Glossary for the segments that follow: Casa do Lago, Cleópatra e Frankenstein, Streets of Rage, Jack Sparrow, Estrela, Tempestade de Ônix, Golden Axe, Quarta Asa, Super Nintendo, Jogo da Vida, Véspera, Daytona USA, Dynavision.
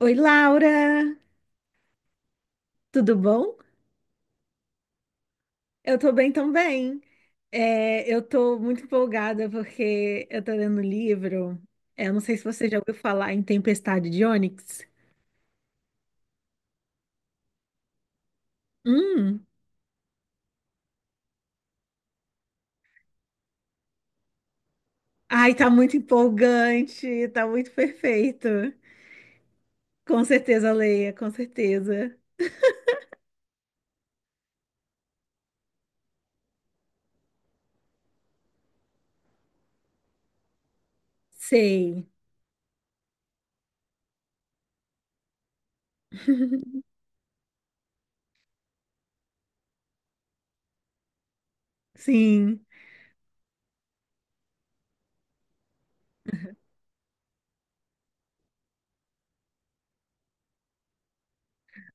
Oi, Laura, tudo bom? Eu tô bem também. Eu tô muito empolgada porque eu tô lendo um livro. Eu não sei se você já ouviu falar em Tempestade de Ônix. Hum, ai, tá muito empolgante, tá muito perfeito. Com certeza, leia, com certeza. Sei. Sim.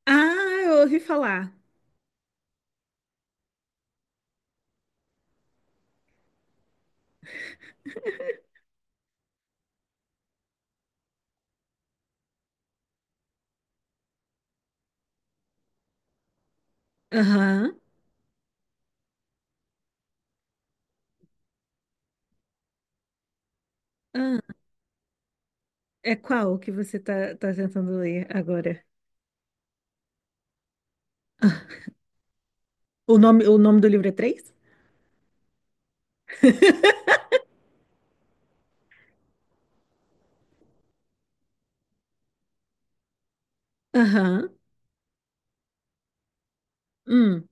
Ah, eu ouvi falar. Aham. Ah, é qual que você tá tentando ler agora? O nome do livro é três? Aham. Hum.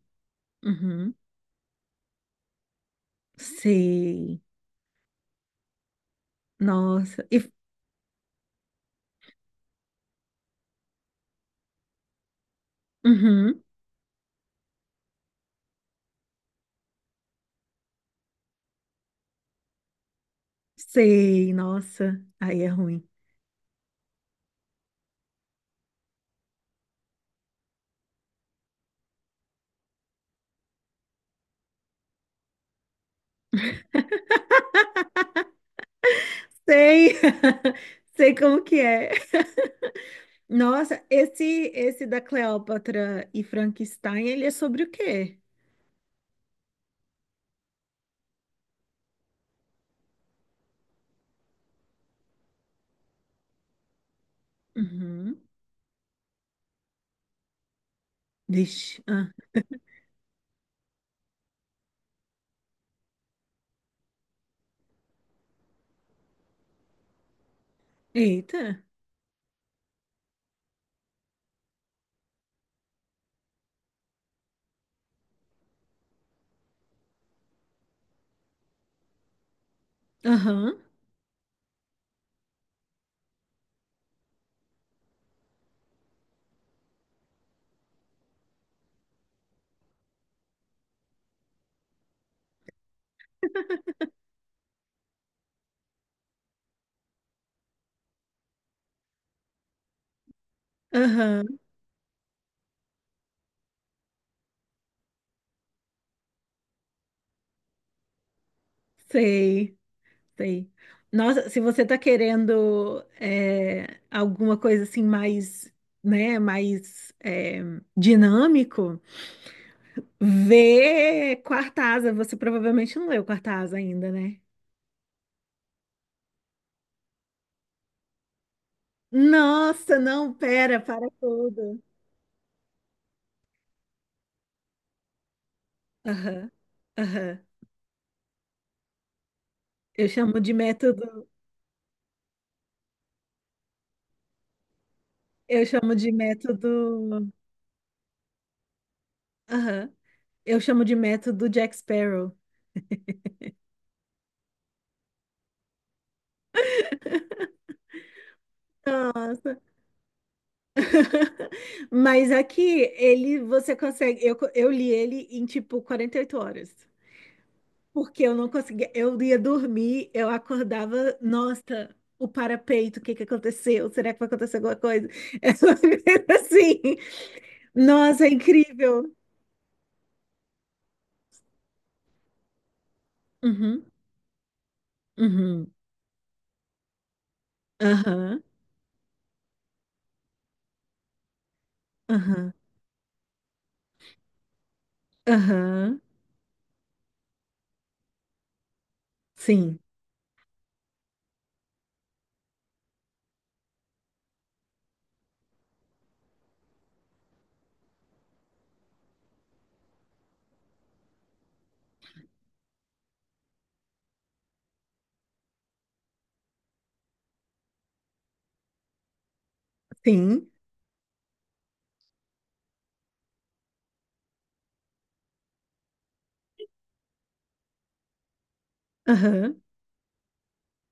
Uhum. Sei. Nossa. E... Uhum. Sei. Nossa. Aí é ruim. Sei. Sei como que é. Nossa, esse da Cleópatra e Frankenstein, ele é sobre o quê? Uhum. Vixe. Ah. Eita. Aham. Aham. Sei. Sei. Nossa, se você tá querendo alguma coisa assim mais, né, mais dinâmico, vê Quarta Asa. Você provavelmente não leu Quarta Asa ainda, né? Nossa, não, pera, para tudo. Aham, aham. Eu chamo de método, eu chamo de método, aham. Eu chamo de método Jack Sparrow. Nossa. Mas aqui ele você consegue. Eu li ele em tipo 48 horas. Porque eu não conseguia. Eu ia dormir, eu acordava, nossa, o parapeito, o que que aconteceu? Será que vai acontecer alguma coisa? É só assim. Nossa, é incrível. Uhum, uhum, aham, aham, aham. Sim, sim, aham,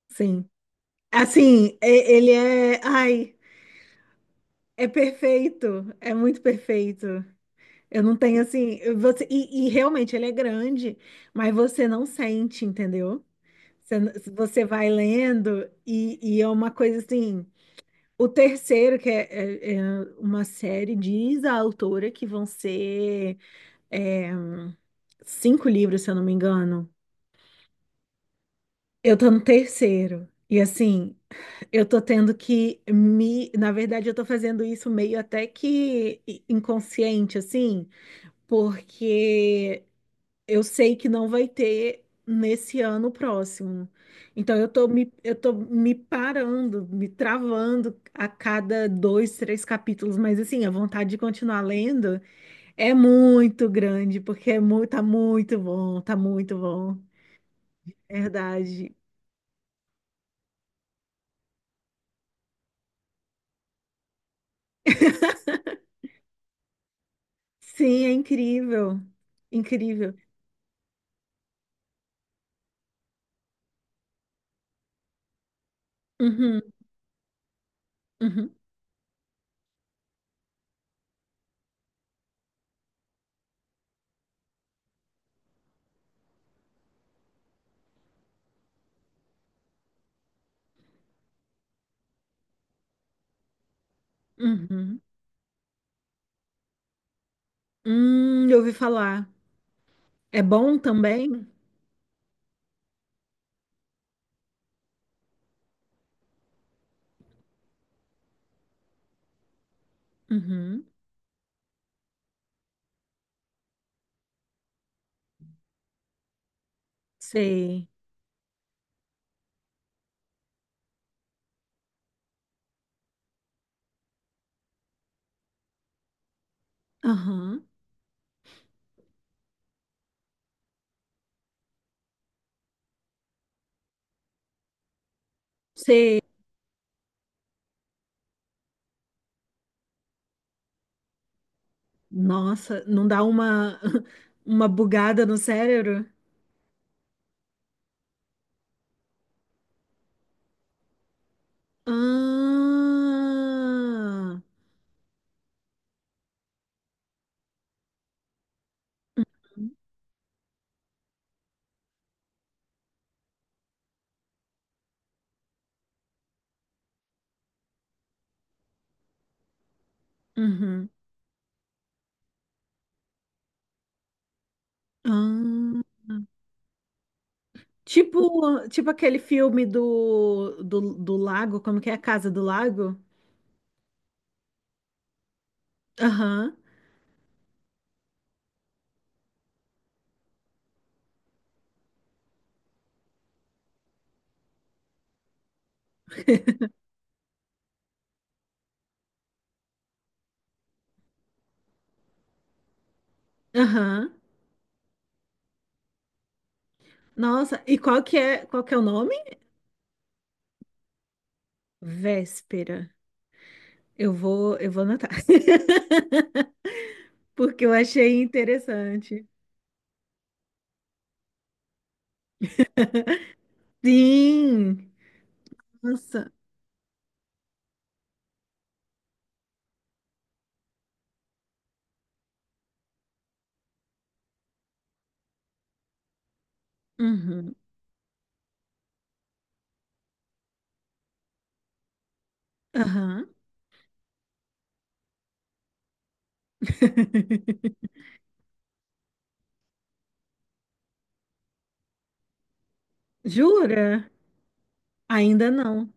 sim. Assim, ele é. Ai, é perfeito. É muito perfeito. Eu não tenho assim, eu- você e realmente ele é grande, mas você não sente, entendeu? Você, você vai lendo e é uma coisa assim. O terceiro, que é uma série, diz a autora que vão ser é, cinco livros, se eu não me engano. Eu tô no terceiro. E assim, eu tô tendo que me. Na verdade, eu tô fazendo isso meio até que inconsciente, assim, porque eu sei que não vai ter nesse ano próximo. Então eu tô me parando, me travando a cada dois, três capítulos, mas assim, a vontade de continuar lendo é muito grande, porque é muito, tá muito bom, tá muito bom. Verdade. Sim, é incrível. Incrível. Uhum, uhum, uhum. Eu ouvi falar. É bom também? Uhum. Sei. Aham. Sei. Nossa, não dá uma, uma bugada no cérebro? Ah, uhum. Ah. Tipo, tipo aquele filme do lago, como que é a Casa do Lago? Aham, aham. Nossa, e qual que é o nome? Véspera. Eu vou anotar. Porque eu achei interessante. Sim. Nossa. Uhum. Aham. Jura? Ainda não.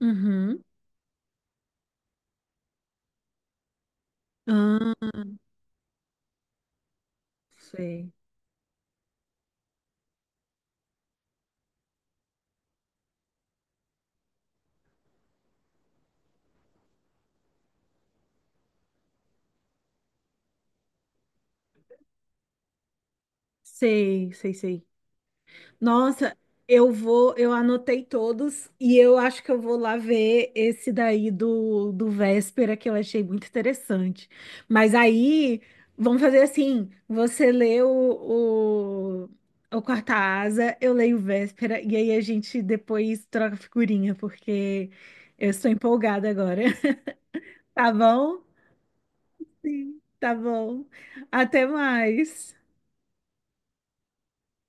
Uhum. Ah, sei. Sei, sei, sei. Nossa, eu anotei todos e eu acho que eu vou lá ver esse daí do Véspera, que eu achei muito interessante. Mas aí, vamos fazer assim: você lê o Quarta Asa, eu leio o Véspera, e aí a gente depois troca figurinha, porque eu estou empolgada agora. Tá bom? Sim, tá bom. Até mais.